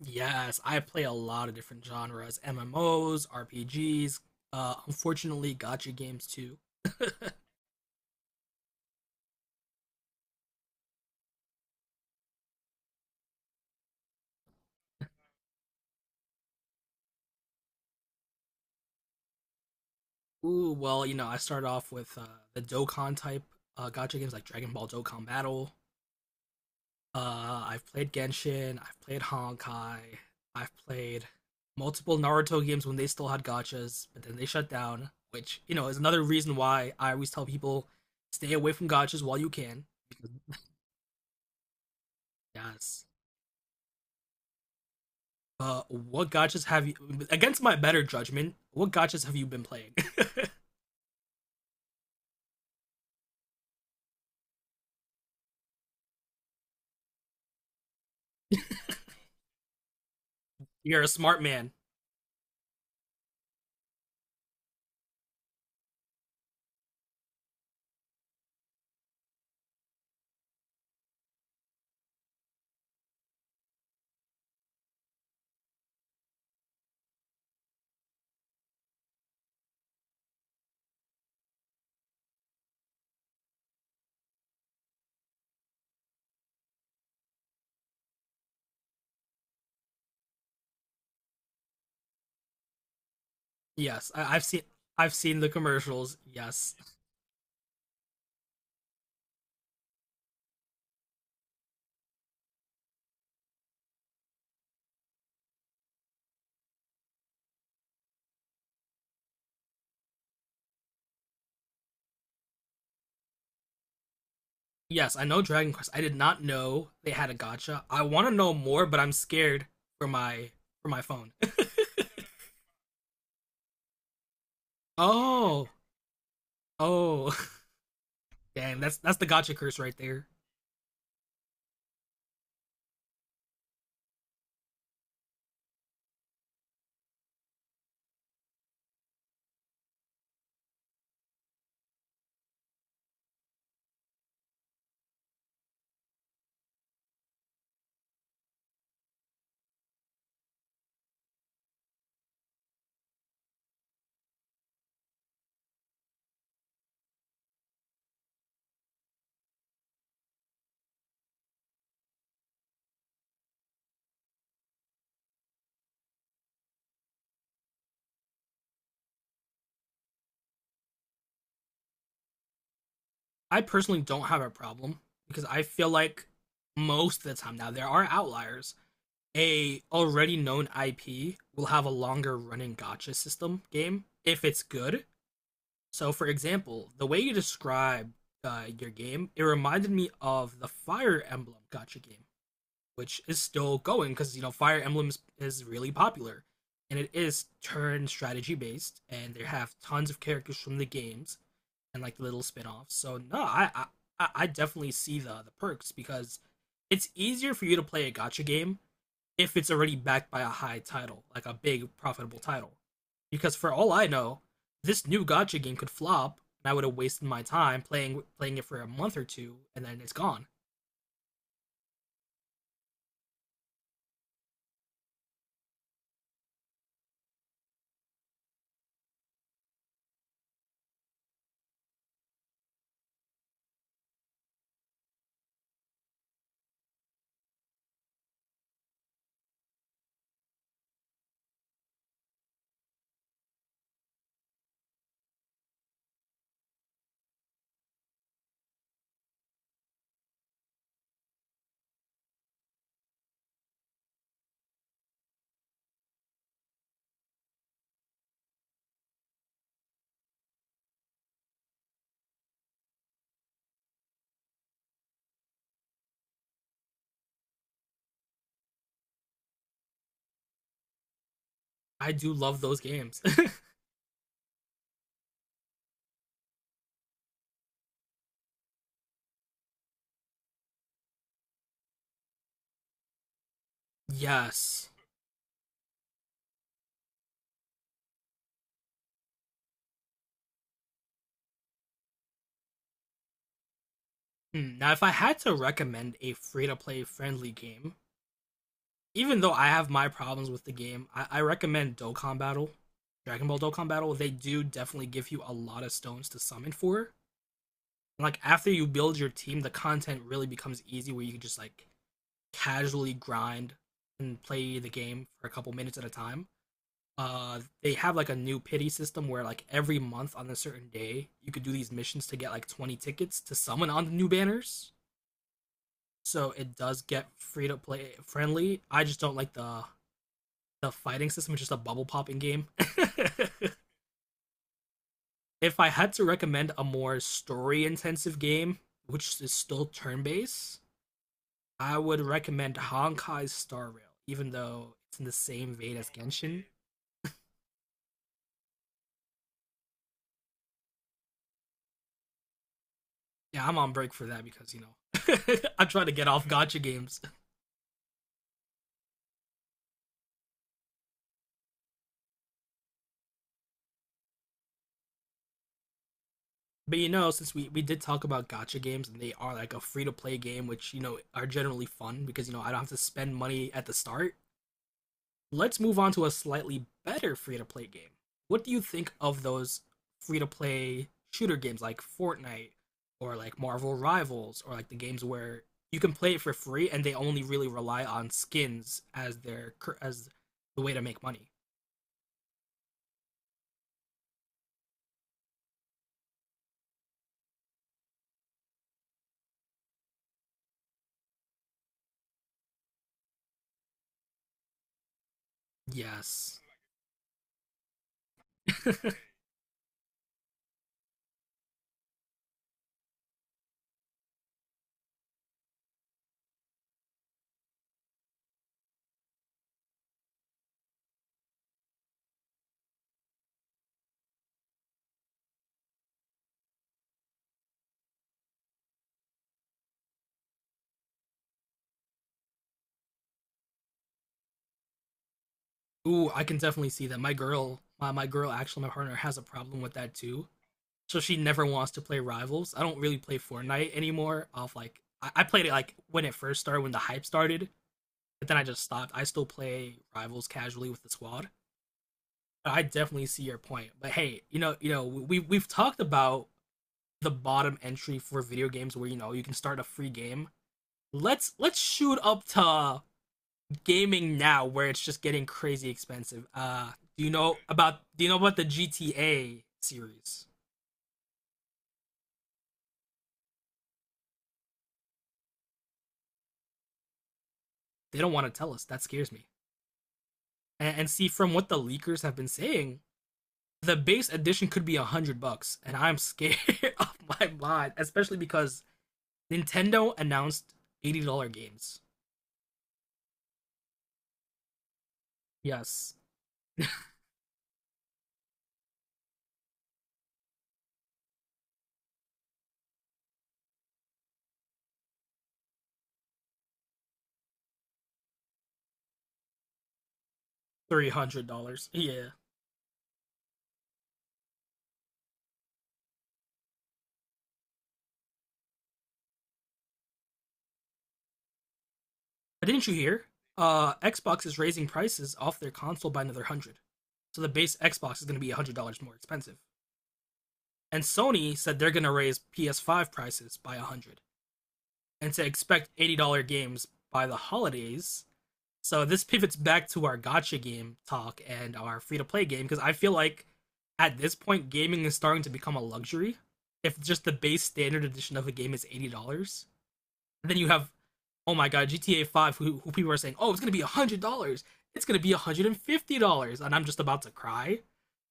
Yes, I play a lot of different genres: MMOs, RPGs. Unfortunately, gotcha games too. Ooh, I started off with the Dokkan type gotcha games like Dragon Ball Dokkan Battle. I've played Genshin. I've played Honkai. I've played multiple Naruto games when they still had gotchas, but then they shut down, which is another reason why I always tell people stay away from gotchas while you can. Yes. What gotchas have you against my better judgment? What gotchas have you been playing? You're a smart man. Yes, I've seen the commercials. Yes, yes, I know Dragon Quest. I did not know they had a gotcha. I want to know more, but I'm scared for my phone. Oh, oh, dang, that's the gotcha curse right there. I personally don't have a problem because I feel like most of the time now there are outliers. A already known IP will have a longer running gotcha system game if it's good. So, for example, the way you describe your game, it reminded me of the Fire Emblem gotcha game, which is still going because Fire Emblem is really popular, and it is turn strategy based, and they have tons of characters from the games and like little spin-offs. So, no, I definitely see the perks because it's easier for you to play a gotcha game if it's already backed by a high title, like a big profitable title. Because for all I know, this new gotcha game could flop, and I would have wasted my time playing it for a month or two, and then it's gone. I do love those games. Yes. Now, if I had to recommend a free to play friendly game, even though I have my problems with the game, I recommend Dokkan Battle. Dragon Ball Dokkan Battle, they do definitely give you a lot of stones to summon for. Like after you build your team, the content really becomes easy where you can just like casually grind and play the game for a couple minutes at a time. They have like a new pity system where like every month on a certain day you could do these missions to get like 20 tickets to summon on the new banners. So it does get free to play friendly. I just don't like the fighting system. It's just a bubble popping game. If I had to recommend a more story intensive game, which is still turn based, I would recommend Honkai Star Rail, even though it's in the same vein as Genshin. Yeah, I'm on break for that because I'm trying to get off gotcha games. But since we did talk about gotcha games and they are like a free to play game, which are generally fun because I don't have to spend money at the start. Let's move on to a slightly better free to play game. What do you think of those free to play shooter games like Fortnite or like Marvel Rivals or like the games where you can play it for free and they only really rely on skins as their as the way to make money? Yes. Ooh, I can definitely see that. My girl, my girl, actually, my partner has a problem with that too. So she never wants to play rivals. I don't really play Fortnite anymore. Off like I played it like when it first started, when the hype started, but then I just stopped. I still play rivals casually with the squad. But I definitely see your point. But hey, we've talked about the bottom entry for video games where you can start a free game. Let's shoot up to gaming now where it's just getting crazy expensive. Do you know about do you know about the GTA series? They don't want to tell us. That scares me. And see, from what the leakers have been saying, the base edition could be $100, and I'm scared of my mind, especially because Nintendo announced $80 games. Yes, $300. Yeah, but didn't you hear? Xbox is raising prices off their console by another 100, so the base Xbox is going to be $100 more expensive. And Sony said they're going to raise PS5 prices by 100 and to expect $80 games by the holidays. So this pivots back to our gotcha game talk and our free to play game because I feel like at this point gaming is starting to become a luxury. If just the base standard edition of a game is $80, then you have, oh my god, GTA 5, who people are saying, oh, it's going to be $100. It's going to be $150. And I'm just about to cry.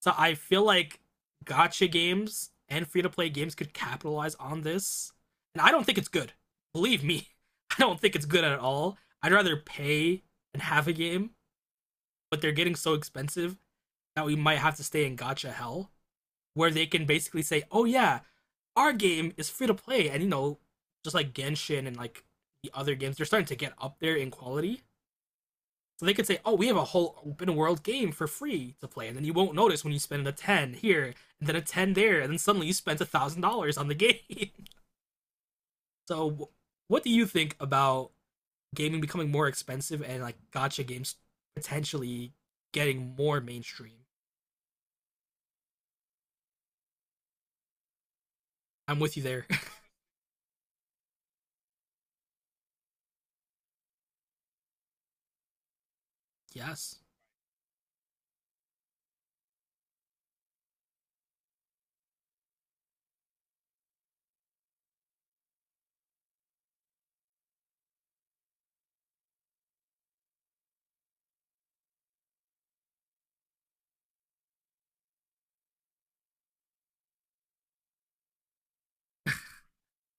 So I feel like gotcha games and free to play games could capitalize on this. And I don't think it's good. Believe me, I don't think it's good at all. I'd rather pay and have a game, but they're getting so expensive that we might have to stay in gotcha hell where they can basically say, oh yeah, our game is free to play, and just like Genshin and like the other games, they're starting to get up there in quality. So they could say, "Oh, we have a whole open world game for free to play," and then you won't notice when you spend a ten here and then a ten there, and then suddenly you spent $1,000 on the game. So, what do you think about gaming becoming more expensive and like gotcha games potentially getting more mainstream? I'm with you there. Yes,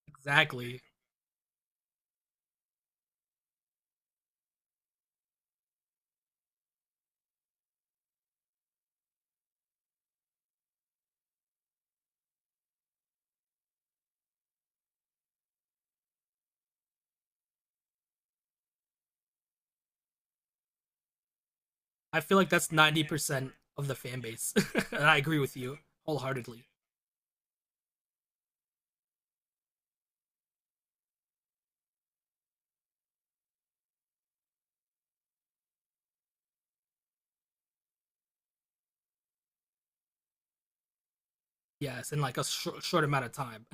exactly. I feel like that's 90% of the fan base, and I agree with you wholeheartedly. Yes, in like a short amount of time.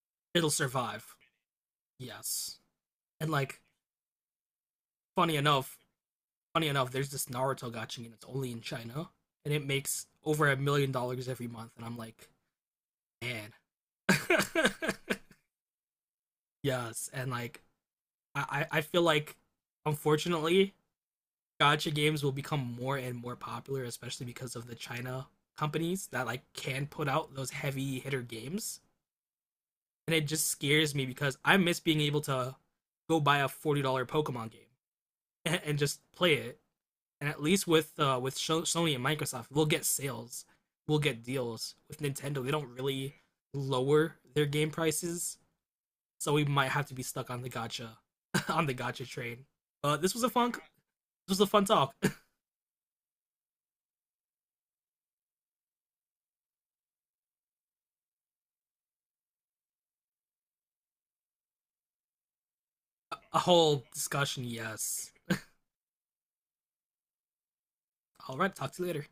It'll survive. Yes, and like funny enough, funny enough, there's this Naruto gotcha, and it's only in China, and it makes over $1 million every month, and I'm like, man. Yes, and like I feel like unfortunately gacha games will become more and more popular, especially because of the China companies that like can put out those heavy hitter games. And it just scares me because I miss being able to go buy a $40 Pokemon game and just play it. And at least with Sony and Microsoft, we'll get sales, we'll get deals. With Nintendo, they don't really lower their game prices, so we might have to be stuck on the gacha, on the gacha train. But this was a fun talk, a whole discussion. Yes. All right, talk to you later.